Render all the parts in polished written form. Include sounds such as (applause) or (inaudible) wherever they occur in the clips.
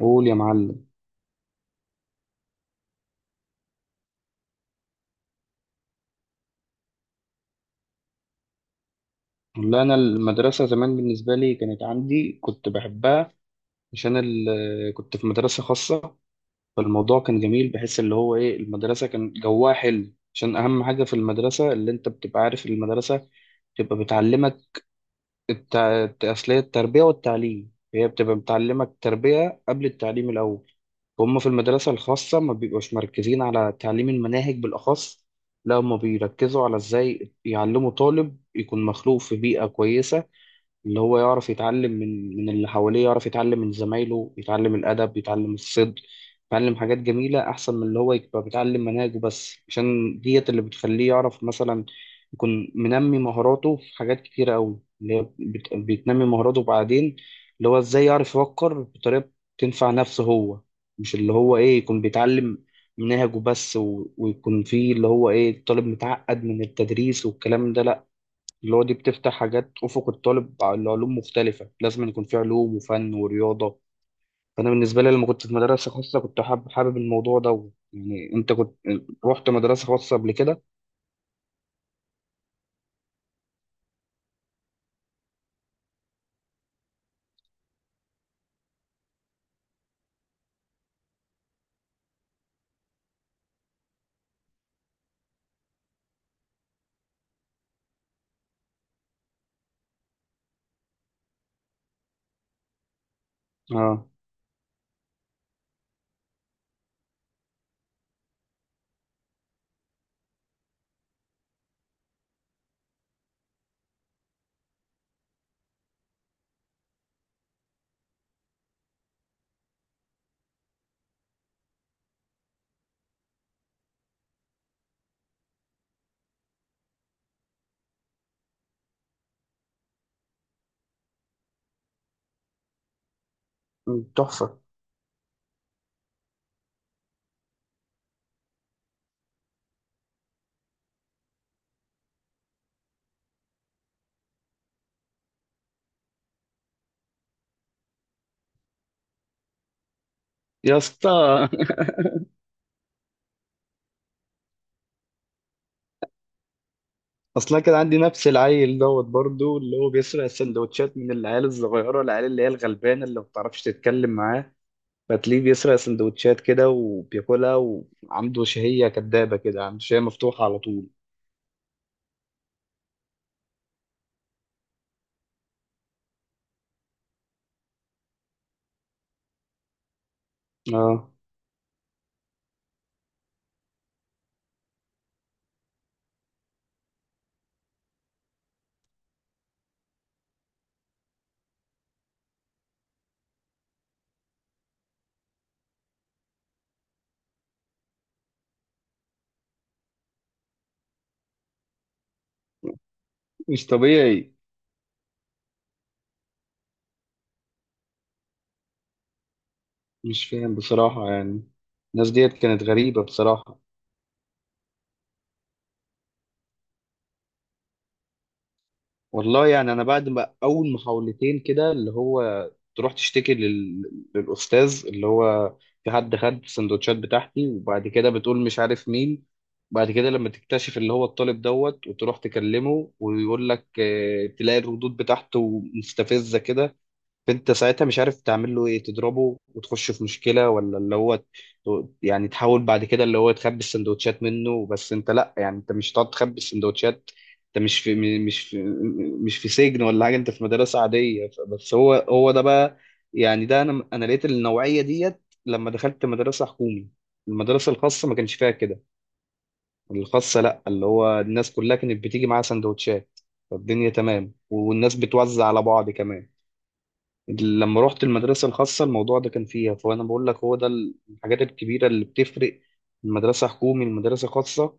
قول يا معلم. والله انا المدرسه زمان بالنسبه لي كانت عندي كنت بحبها عشان كنت في مدرسه خاصه. فالموضوع كان جميل، بحس اللي هو ايه المدرسه كان جواها حلو، عشان اهم حاجه في المدرسه اللي انت بتبقى عارف المدرسه تبقى بتعلمك الت... أصلية التربية والتعليم، هي بتبقى بتعلمك التربية قبل التعليم الأول. هم في المدرسة الخاصة ما بيبقوش مركزين على تعليم المناهج بالأخص، لا هم بيركزوا على إزاي يعلموا طالب يكون مخلوق في بيئة كويسة، اللي هو يعرف يتعلم من اللي حواليه، يعرف يتعلم من زمايله، يتعلم الأدب، يتعلم الصدق، يتعلم حاجات جميلة أحسن من اللي هو يبقى بيتعلم مناهج بس، عشان ديت اللي بتخليه يعرف مثلا يكون منمي مهاراته في حاجات كتيرة أوي اللي هي بتنمي مهاراته بعدين، اللي هو إزاي يعرف يفكر بطريقة تنفع نفسه هو، مش اللي هو إيه يكون بيتعلم مناهج وبس ويكون فيه اللي هو إيه طالب متعقد من التدريس والكلام ده، لأ. اللي هو دي بتفتح حاجات أفق الطالب على علوم مختلفة، لازم يكون في علوم وفن ورياضة. فأنا بالنسبة لي لما كنت في مدرسة خاصة كنت حابب حابب الموضوع ده. يعني أنت كنت رحت مدرسة خاصة قبل كده؟ آه. مم، تحفة. يا اسطى. (laughs) أصلا كان عندي نفس العيل دوت برضو، اللي هو بيسرق السندوتشات من العيال الصغيرة، العيال اللي هي الغلبانة اللي ما بتعرفش تتكلم معاه، فتلاقيه بيسرق سندوتشات كده وبياكلها، وعنده شهية كدابة كده، عنده شهية مفتوحة على طول. اه. مش طبيعي. مش فاهم بصراحة يعني. الناس ديت كانت غريبة بصراحة. والله يعني أنا بعد ما أول محاولتين كده، اللي هو تروح تشتكي للأستاذ اللي هو في حد خد السندوتشات بتاعتي، وبعد كده بتقول مش عارف مين، بعد كده لما تكتشف اللي هو الطالب دوت وتروح تكلمه ويقول لك آه، تلاقي الردود بتاعته مستفزة كده، فانت ساعتها مش عارف تعمل له ايه، تضربه وتخش في مشكله ولا اللي هو يعني تحاول بعد كده اللي هو تخبي السندوتشات منه؟ بس انت لا، يعني انت مش هتقعد تخبي السندوتشات، انت مش في سجن ولا حاجه، انت في مدرسه عاديه، بس هو هو ده بقى. يعني ده انا لقيت النوعيه ديت لما دخلت مدرسه حكومي. المدرسه الخاصه ما كانش فيها كده، الخاصه لا، اللي هو الناس كلها كانت بتيجي معاها سندوتشات، فالدنيا تمام، والناس بتوزع على بعض كمان. لما رحت المدرسة الخاصة الموضوع ده كان فيها، فأنا بقول لك هو ده الحاجات الكبيرة اللي بتفرق المدرسة حكومي المدرسة خاصة.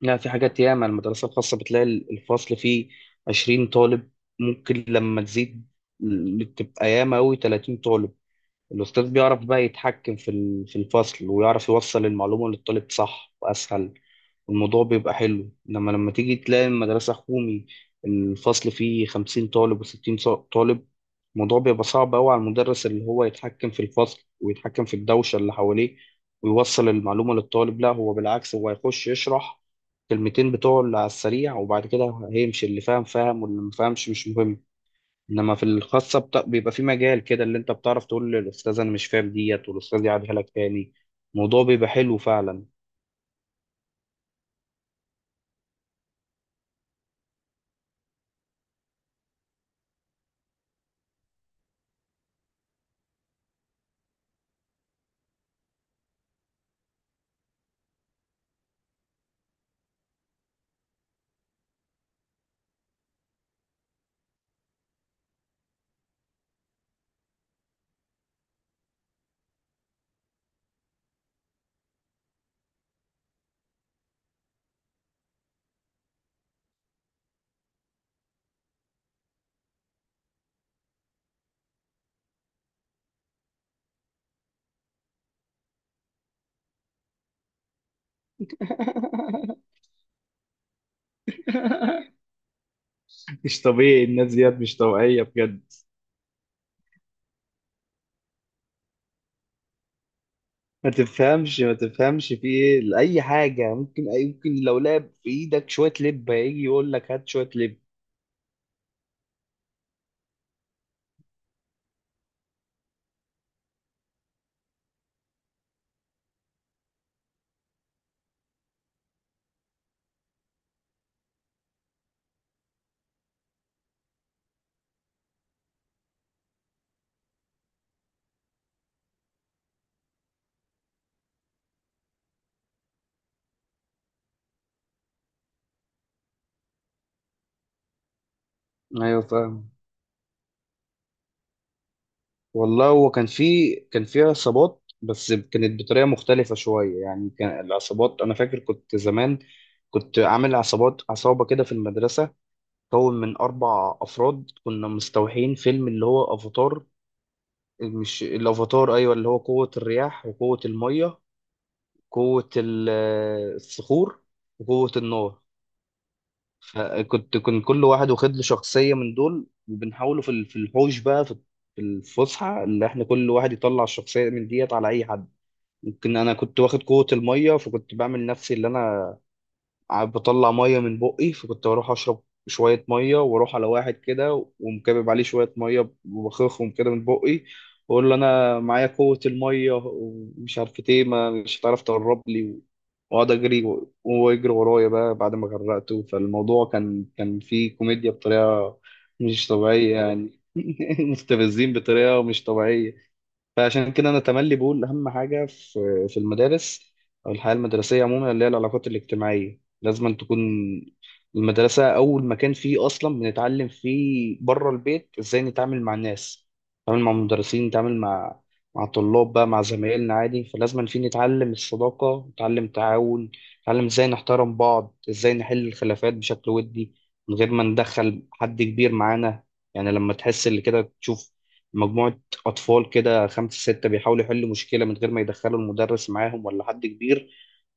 لا، في حاجات، ياما المدرسة الخاصة بتلاقي الفصل فيه 20 طالب، ممكن لما تزيد تبقى ياما أوي 30 طالب، الأستاذ بيعرف بقى يتحكم في في الفصل ويعرف يوصل المعلومة للطالب صح وأسهل، والموضوع بيبقى حلو. إنما لما تيجي تلاقي المدرسة حكومي الفصل فيه 50 طالب وستين طالب، الموضوع بيبقى صعب أوي على المدرس اللي هو يتحكم في الفصل ويتحكم في الدوشة اللي حواليه ويوصل المعلومة للطالب. لا، هو بالعكس، هو هيخش يشرح كلمتين بتوع اللي على السريع وبعد كده هيمشي، اللي فاهم فاهم واللي مفهمش مش مهم. انما في الخاصه بيبقى في مجال كده اللي انت بتعرف تقول للاستاذ انا مش فاهم ديت، والاستاذ يعيدها لك تاني، الموضوع بيبقى حلو فعلا. (laughs) مش طبيعي، الناس ديت مش طبيعيه بجد، ما تفهمش في ايه، لاي حاجه ممكن لو لعب في ايدك شويه لب هيجي يقول لك هات شويه لب. ايوه فاهم. والله هو كان في عصابات، بس كانت بطريقه مختلفه شويه. يعني كان العصابات انا فاكر كنت زمان كنت عامل عصابات، عصابه كده في المدرسه، مكون من أربع أفراد، كنا مستوحين فيلم اللي هو أفاتار. مش الأفاتار، أيوة، اللي هو قوة الرياح وقوة المية، قوة الصخور، وقوة النار. كان كل واحد واخد له شخصية من دول، وبنحاوله في في الحوش بقى، في الفسحة، اللي احنا كل واحد يطلع الشخصية من ديت على أي حد. ممكن أنا كنت واخد قوة المية، فكنت بعمل نفسي اللي أنا قاعد بطلع ميه من بقي، فكنت بروح اشرب شويه ميه واروح على واحد كده ومكبب عليه شويه ميه وبخخهم كده من بقي، واقول له انا معايا قوه الميه ومش عارف ايه، ما مش هتعرف تقرب لي، واقعد اجري وهو يجري ورايا بقى بعد ما غرقته. فالموضوع كان فيه كوميديا بطريقه مش طبيعيه يعني. (laughs) مستفزين بطريقه مش طبيعيه. فعشان كده انا تملي بقول اهم حاجه في المدارس او الحياه المدرسيه عموما اللي هي العلاقات الاجتماعيه، لازم أن تكون. المدرسه اول مكان فيه اصلا بنتعلم فيه بره البيت ازاي نتعامل مع الناس، نتعامل مع المدرسين، نتعامل مع الطلاب بقى، مع زمايلنا عادي، فلازم أن فيه نتعلم الصداقه، نتعلم التعاون، نتعلم ازاي نحترم بعض، ازاي نحل الخلافات بشكل ودي من غير ما ندخل حد كبير معانا. يعني لما تحس اللي كده تشوف مجموعة أطفال كده، خمسة ستة، بيحاولوا يحلوا مشكلة من غير ما يدخلوا المدرس معاهم ولا حد كبير،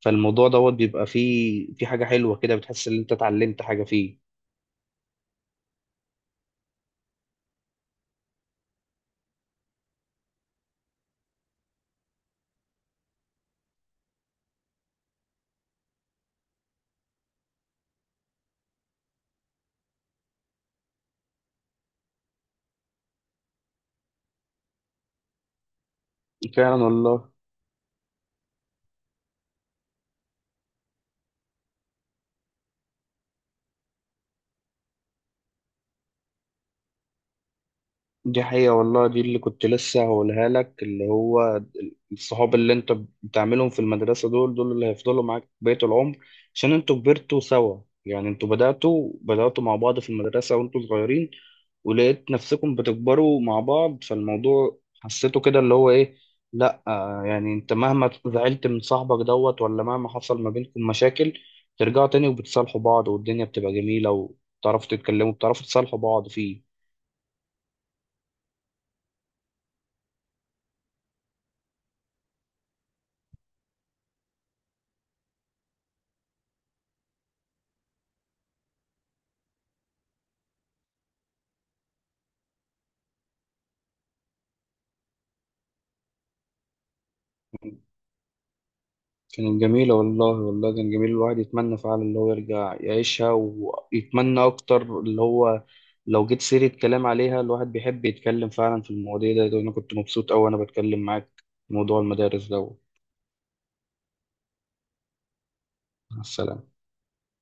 فالموضوع دوت بيبقى فيه، في حاجة حلوة كده، بتحس إن أنت اتعلمت حاجة فيه. فعلا والله. دي حقيقة والله، دي اللي كنت لسه هقولها لك، اللي هو الصحاب اللي انت بتعملهم في المدرسة دول، دول اللي هيفضلوا معاك بقية العمر، عشان انتوا كبرتوا سوا، يعني انتوا بدأتوا مع بعض في المدرسة وانتوا صغيرين، ولقيت نفسكم بتكبروا مع بعض، فالموضوع حسيته كده اللي هو ايه، لا يعني انت مهما زعلت من صاحبك دوت، ولا مهما حصل ما بينكم مشاكل، ترجعوا تاني وبتصالحوا بعض، والدنيا بتبقى جميلة، وتعرفوا تتكلموا، بتعرفوا تصالحوا بعض فيه. كانت جميلة والله، والله كان جميل، الواحد يتمنى فعلا اللي هو يرجع يعيشها، ويتمنى أكتر اللي هو لو جيت سيرة كلام عليها الواحد بيحب يتكلم فعلا في المواضيع ده. وأنا كنت مبسوط أوي وأنا بتكلم معاك في موضوع المدارس ده. مع السلامة.